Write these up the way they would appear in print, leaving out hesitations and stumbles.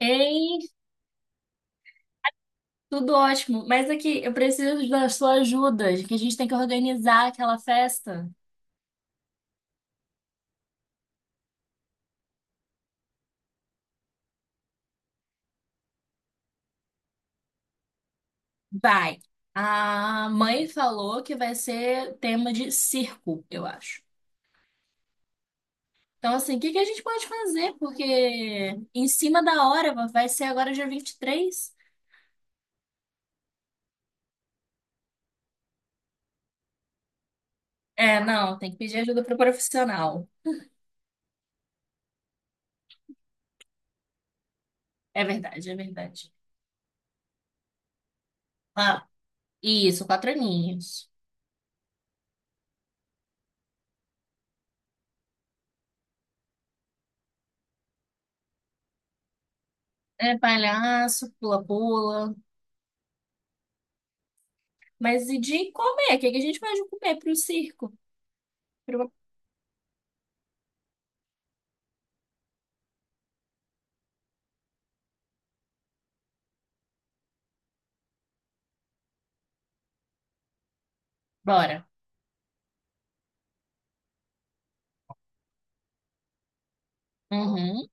Ei, tudo ótimo. Mas aqui, eu preciso da sua ajuda, que a gente tem que organizar aquela festa. Vai. A mãe falou que vai ser tema de circo, eu acho. Então, assim, o que que a gente pode fazer? Porque em cima da hora, vai ser agora dia 23. É, não, tem que pedir ajuda para o profissional. É verdade, é verdade. Ah, isso, 4 aninhos. É palhaço, pula-pula. Mas e de comer? O que que a gente pode comer para o circo? Bora. Uhum.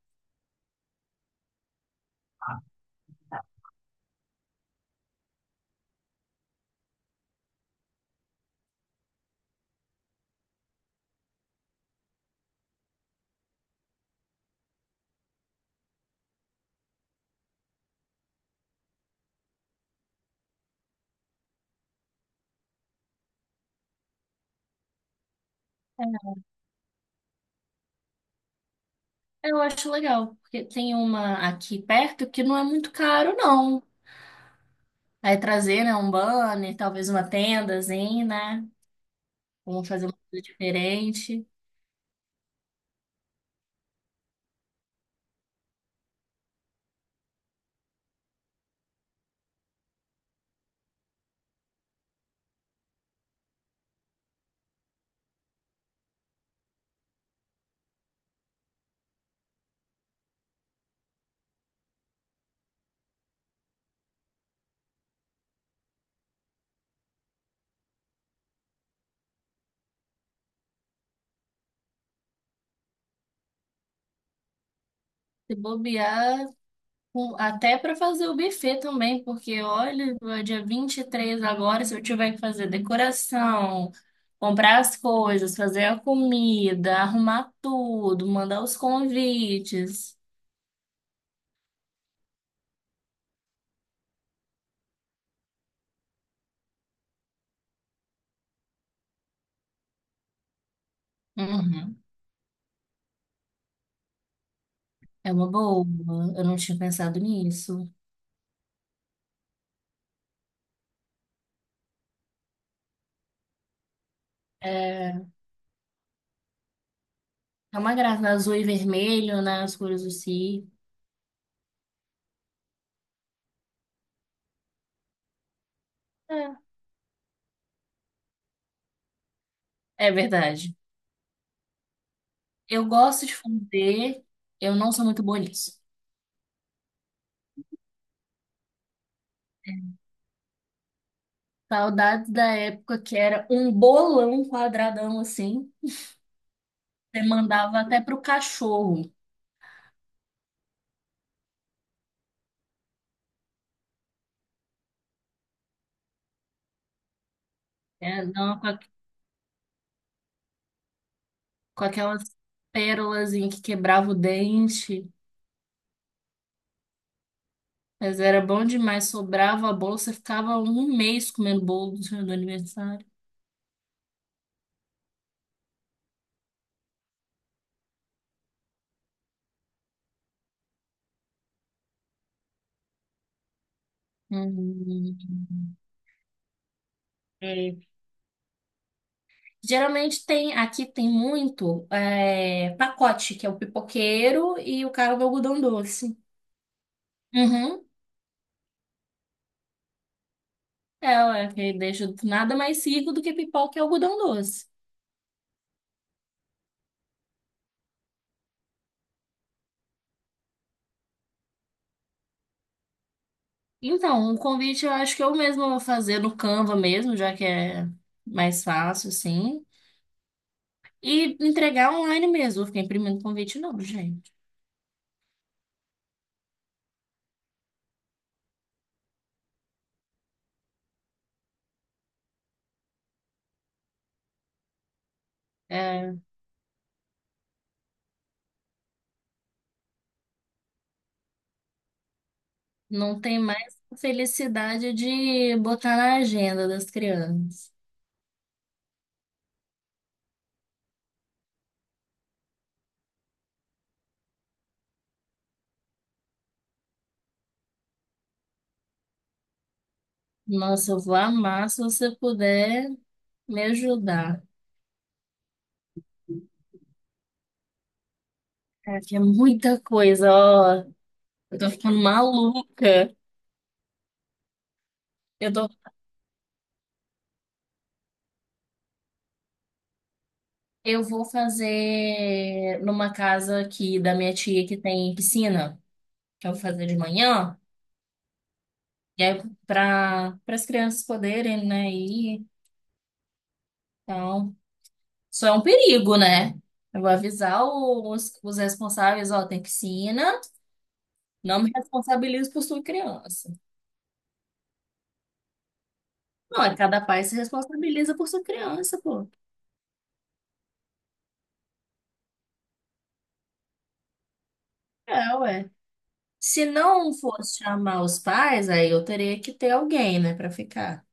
Eu acho legal, porque tem uma aqui perto que não é muito caro, não. Aí trazer, né, um banner, talvez uma tendazinha, né? Vamos fazer uma coisa diferente. Se bobear, até para fazer o buffet também, porque olha, é dia 23 agora, se eu tiver que fazer decoração, comprar as coisas, fazer a comida, arrumar tudo, mandar os convites. Uhum. É uma boa. Eu não tinha pensado nisso. É, é uma graça, né? Azul e vermelho, né? As cores do si. É, é verdade. Eu gosto de fazer, eu não sou muito boa nisso. Saudades da época que era um bolão quadradão assim. Você mandava até pro cachorro, né? Não, com, a- Com aquelas pérolas em que quebrava o dente. Mas era bom demais, sobrava a bolo, você ficava um mês comendo bolo do aniversário. Uhum. Geralmente tem, aqui tem muito pacote, que é o pipoqueiro e o cara do algodão doce. Uhum. É, ué, que deixa nada mais rico do que pipoca e algodão doce. Então, o convite eu acho que eu mesma vou fazer no Canva mesmo, já que é mais fácil, assim. E entregar online mesmo, vou ficar imprimindo convite não, gente. É, não tem mais felicidade de botar na agenda das crianças. Nossa, eu vou amar se você puder me ajudar. É, que é muita coisa, ó. Eu tô ficando maluca. Eu tô, eu vou fazer numa casa aqui da minha tia que tem piscina, que eu vou fazer de manhã, e aí para as crianças poderem, né, ir. Então, isso é um perigo, né? Eu vou avisar os responsáveis, ó, tem piscina, não me responsabilizo por sua criança. Não, é cada pai se responsabiliza por sua criança, pô. É, ué. Se não fosse chamar os pais, aí eu teria que ter alguém, né, pra ficar.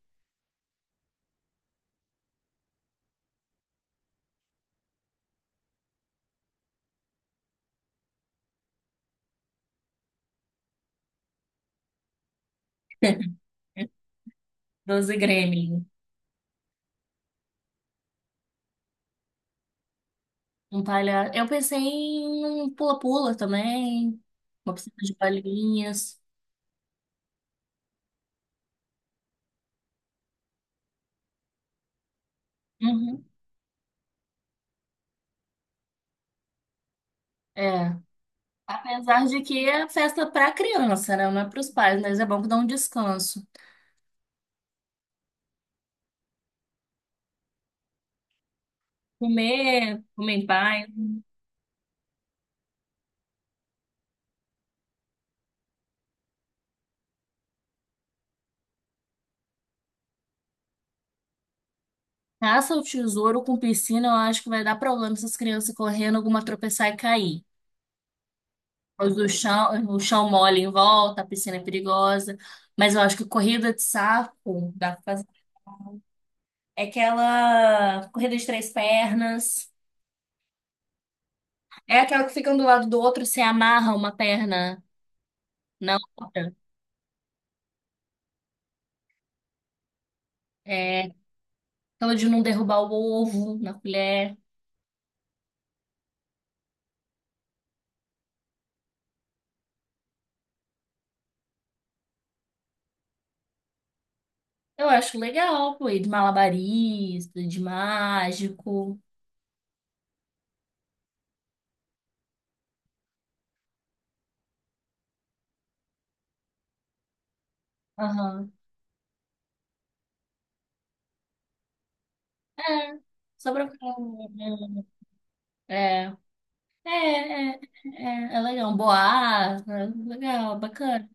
12 Gremlin. Um palha... Eu pensei em um pula-pula também, uma piscina de bolinhas. Uhum. É. Apesar de que é festa pra criança, né? Não é pros pais, mas é bom que dá um descanso. Comer, comer em paz. Caça o tesouro com piscina, eu acho que vai dar problema essas crianças correndo, alguma tropeçar e cair. Os do chão, o chão mole em volta, a piscina é perigosa. Mas eu acho que corrida de saco dá pra fazer. É aquela corrida de três pernas. É aquela que fica um do lado do outro, você amarra uma perna na outra. É aquela de não derrubar o ovo na colher. Eu acho legal, pô, e de malabarista, de mágico. Aham. É, só pra ficar. É, é, é, é legal. Boa, legal, bacana.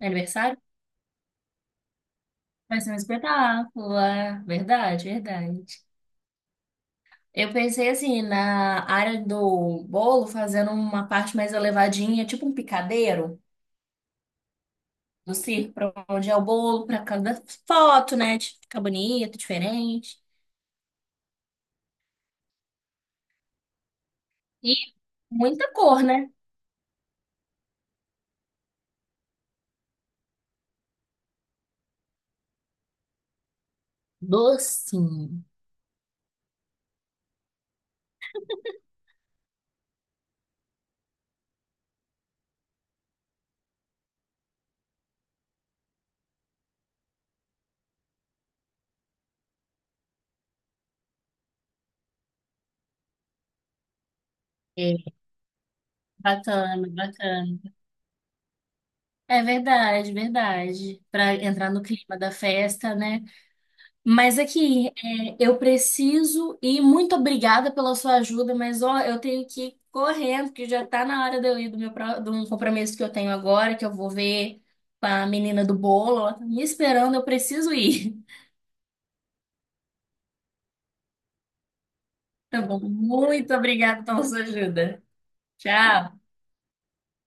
Aniversário? Vai ser um espetáculo, é verdade, verdade. Eu pensei assim, na área do bolo, fazendo uma parte mais elevadinha, tipo um picadeiro do circo, pra onde é o bolo, pra cada foto, né? de Ficar bonito, diferente. E muita cor, né? Docinho. É, bacana, bacana. É verdade, verdade. Pra entrar no clima da festa, né? Mas aqui, é, eu preciso e muito obrigada pela sua ajuda, mas ó, eu tenho que ir correndo, porque já tá na hora de eu ir de um compromisso que eu tenho agora, que eu vou ver com a menina do bolo, ela tá me esperando, eu preciso ir. Tá bom, muito obrigada pela sua ajuda. Tchau.